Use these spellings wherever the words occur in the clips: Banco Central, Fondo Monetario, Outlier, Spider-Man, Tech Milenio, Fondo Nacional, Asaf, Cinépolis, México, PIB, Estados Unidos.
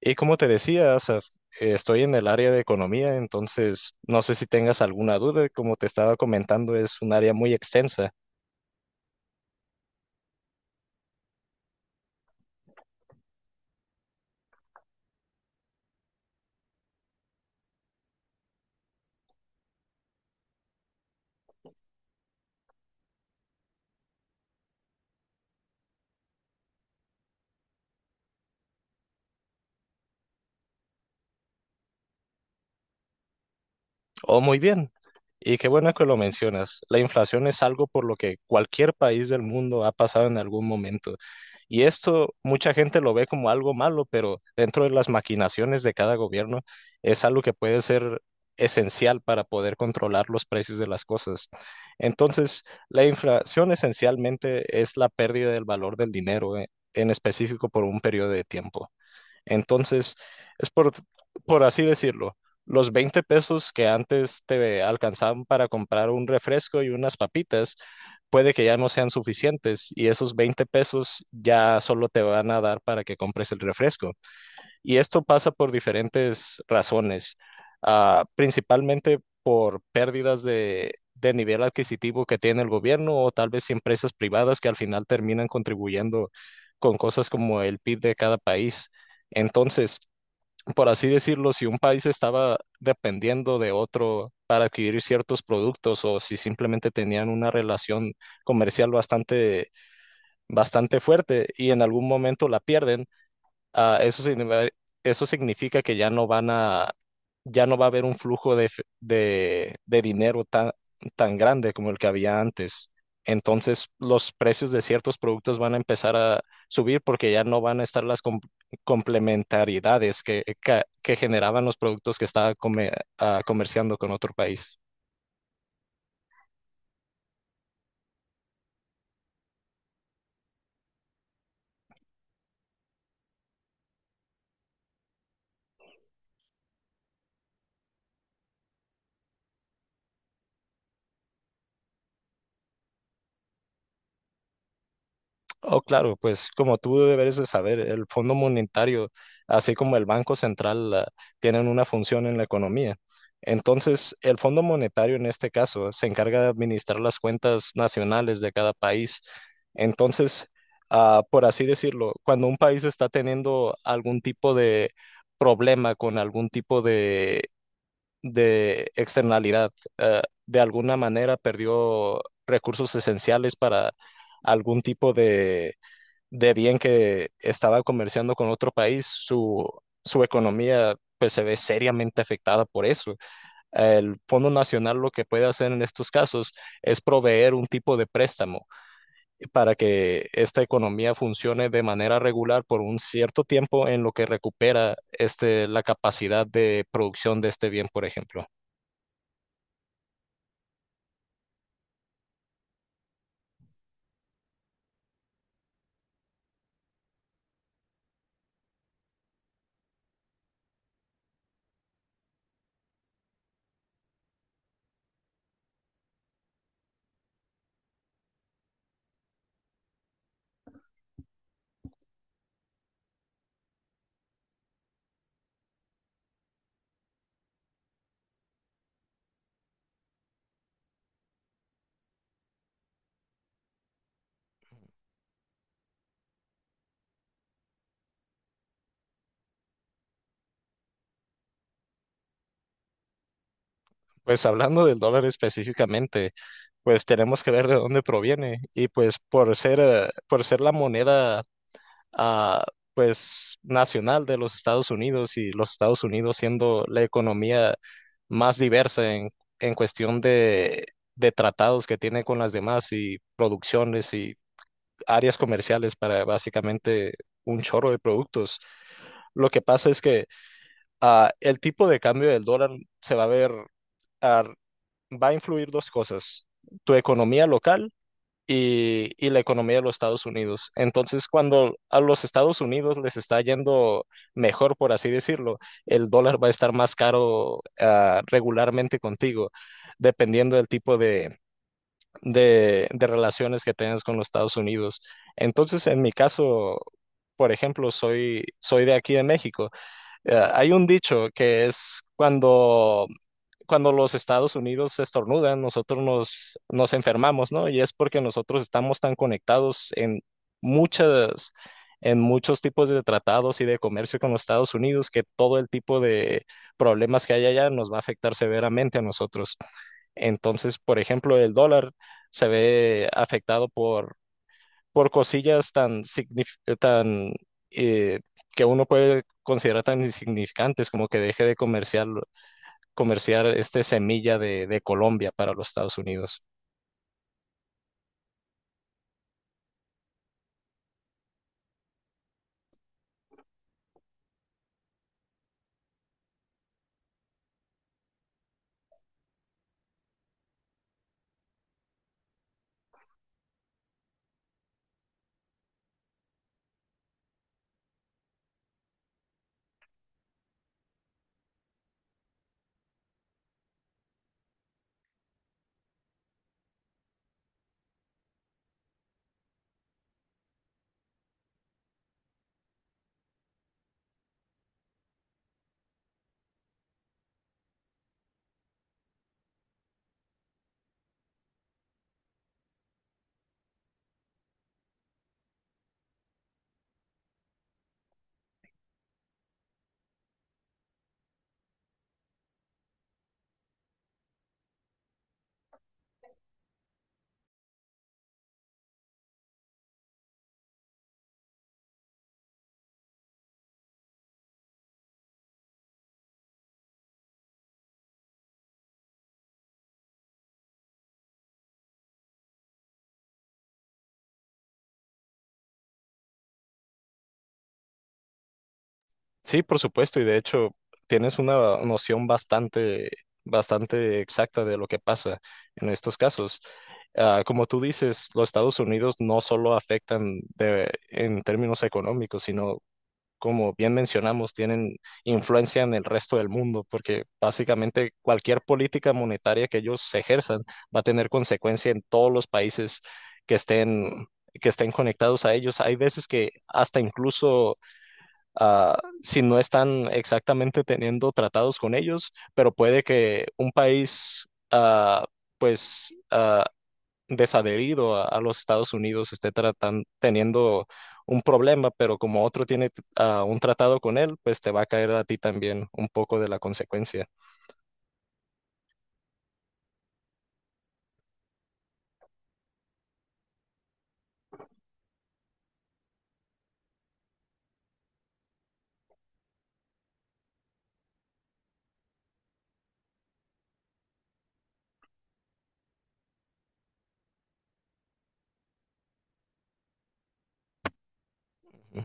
Y como te decía, Asaf, estoy en el área de economía, entonces no sé si tengas alguna duda. Como te estaba comentando, es un área muy extensa. Oh, muy bien. Y qué bueno que lo mencionas. La inflación es algo por lo que cualquier país del mundo ha pasado en algún momento. Y esto mucha gente lo ve como algo malo, pero dentro de las maquinaciones de cada gobierno es algo que puede ser esencial para poder controlar los precios de las cosas. Entonces, la inflación esencialmente es la pérdida del valor del dinero, en específico por un periodo de tiempo. Entonces, es por, por así decirlo, los 20 pesos que antes te alcanzaban para comprar un refresco y unas papitas, puede que ya no sean suficientes y esos 20 pesos ya solo te van a dar para que compres el refresco. Y esto pasa por diferentes razones. Principalmente por pérdidas de nivel adquisitivo que tiene el gobierno, o tal vez empresas privadas que al final terminan contribuyendo con cosas como el PIB de cada país. Entonces, por así decirlo, si un país estaba dependiendo de otro para adquirir ciertos productos, o si simplemente tenían una relación comercial bastante fuerte y en algún momento la pierden, Ah, eso significa, eso significa que ya no va a haber un flujo de dinero tan grande como el que había antes. Entonces, los precios de ciertos productos van a empezar a subir porque ya no van a estar las complementariedades que generaban los productos que comerciando con otro país. Oh, claro, pues como tú deberes de saber, el Fondo Monetario, así como el Banco Central, tienen una función en la economía. Entonces, el Fondo Monetario en este caso se encarga de administrar las cuentas nacionales de cada país. Entonces, por así decirlo, cuando un país está teniendo algún tipo de problema con algún tipo de externalidad, ah, de alguna manera perdió recursos esenciales para algún tipo de bien que estaba comerciando con otro país, su economía pues se ve seriamente afectada por eso. El Fondo Nacional lo que puede hacer en estos casos es proveer un tipo de préstamo para que esta economía funcione de manera regular por un cierto tiempo en lo que recupera este, la capacidad de producción de este bien, por ejemplo. Pues hablando del dólar específicamente, pues tenemos que ver de dónde proviene, y pues por ser la moneda ah, pues nacional de los Estados Unidos, y los Estados Unidos siendo la economía más diversa en cuestión de tratados que tiene con las demás, y producciones y áreas comerciales para básicamente un chorro de productos. Lo que pasa es que el tipo de cambio del dólar se va a ver, ah, va a influir dos cosas, tu economía local y la economía de los Estados Unidos. Entonces, cuando a los Estados Unidos les está yendo mejor, por así decirlo, el dólar va a estar más caro, regularmente contigo, dependiendo del tipo de relaciones que tengas con los Estados Unidos. Entonces, en mi caso... Por ejemplo, soy de aquí de México. Hay un dicho que es cuando cuando los Estados Unidos estornudan, nosotros nos enfermamos, ¿no? Y es porque nosotros estamos tan conectados en muchas, en muchos tipos de tratados y de comercio con los Estados Unidos, que todo el tipo de problemas que hay allá nos va a afectar severamente a nosotros. Entonces, por ejemplo, el dólar se ve afectado por cosillas tan eh, que uno puede considerar tan insignificantes como que comerciar este semilla de Colombia para los Estados Unidos. Sí, por supuesto, y de hecho tienes una noción bastante exacta de lo que pasa en estos casos. Como tú dices, los Estados Unidos no solo en términos económicos, sino, como bien mencionamos, tienen influencia en el resto del mundo, porque básicamente cualquier política monetaria que ellos ejerzan va a tener consecuencia en todos los países que estén, que estén conectados a ellos. Hay veces que hasta incluso, si no están exactamente teniendo tratados con ellos, pero puede que un país... pues ah, desadherido a los Estados Unidos esté teniendo un problema, pero como otro tiene un tratado con él, pues te va a caer a ti también un poco de la consecuencia. Ujú.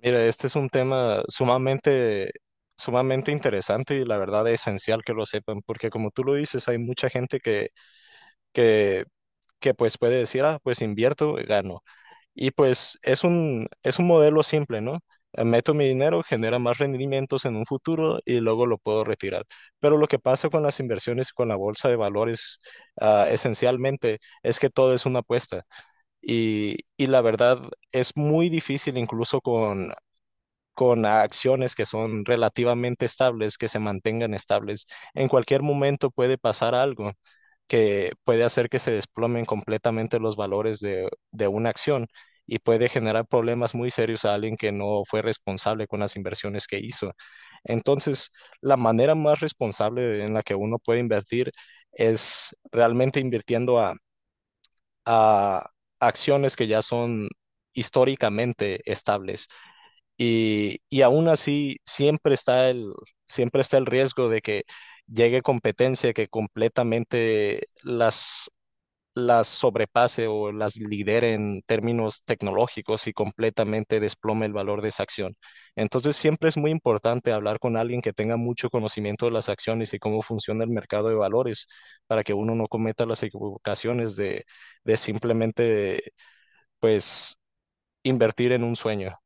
Mira, este es un tema sumamente interesante, y la verdad es esencial que lo sepan, porque como tú lo dices, hay mucha gente que, que pues puede decir, ah, pues invierto y gano. Y pues es un modelo simple, ¿no? Meto mi dinero, genera más rendimientos en un futuro y luego lo puedo retirar. Pero lo que pasa con las inversiones y con la bolsa de valores, esencialmente, es que todo es una apuesta. Y la verdad, es muy difícil, incluso con acciones que son relativamente estables, que se mantengan estables. En cualquier momento puede pasar algo que puede hacer que se desplomen completamente los valores de una acción, y puede generar problemas muy serios a alguien que no fue responsable con las inversiones que hizo. Entonces, la manera más responsable en la que uno puede invertir es realmente invirtiendo a acciones que ya son históricamente estables. Y aún así, siempre está siempre está el riesgo de que llegue competencia que completamente las sobrepase o las lidere en términos tecnológicos, y completamente desplome el valor de esa acción. Entonces, siempre es muy importante hablar con alguien que tenga mucho conocimiento de las acciones y cómo funciona el mercado de valores, para que uno no cometa las equivocaciones de simplemente, pues, invertir en un sueño.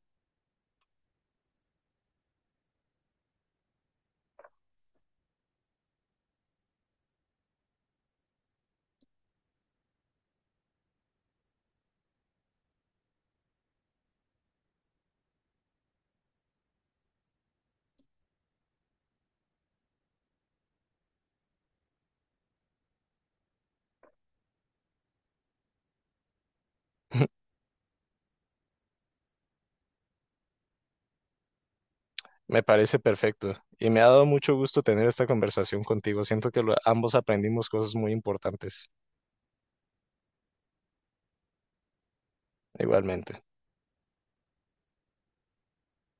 Me parece perfecto, y me ha dado mucho gusto tener esta conversación contigo. Siento que ambos aprendimos cosas muy importantes, igualmente.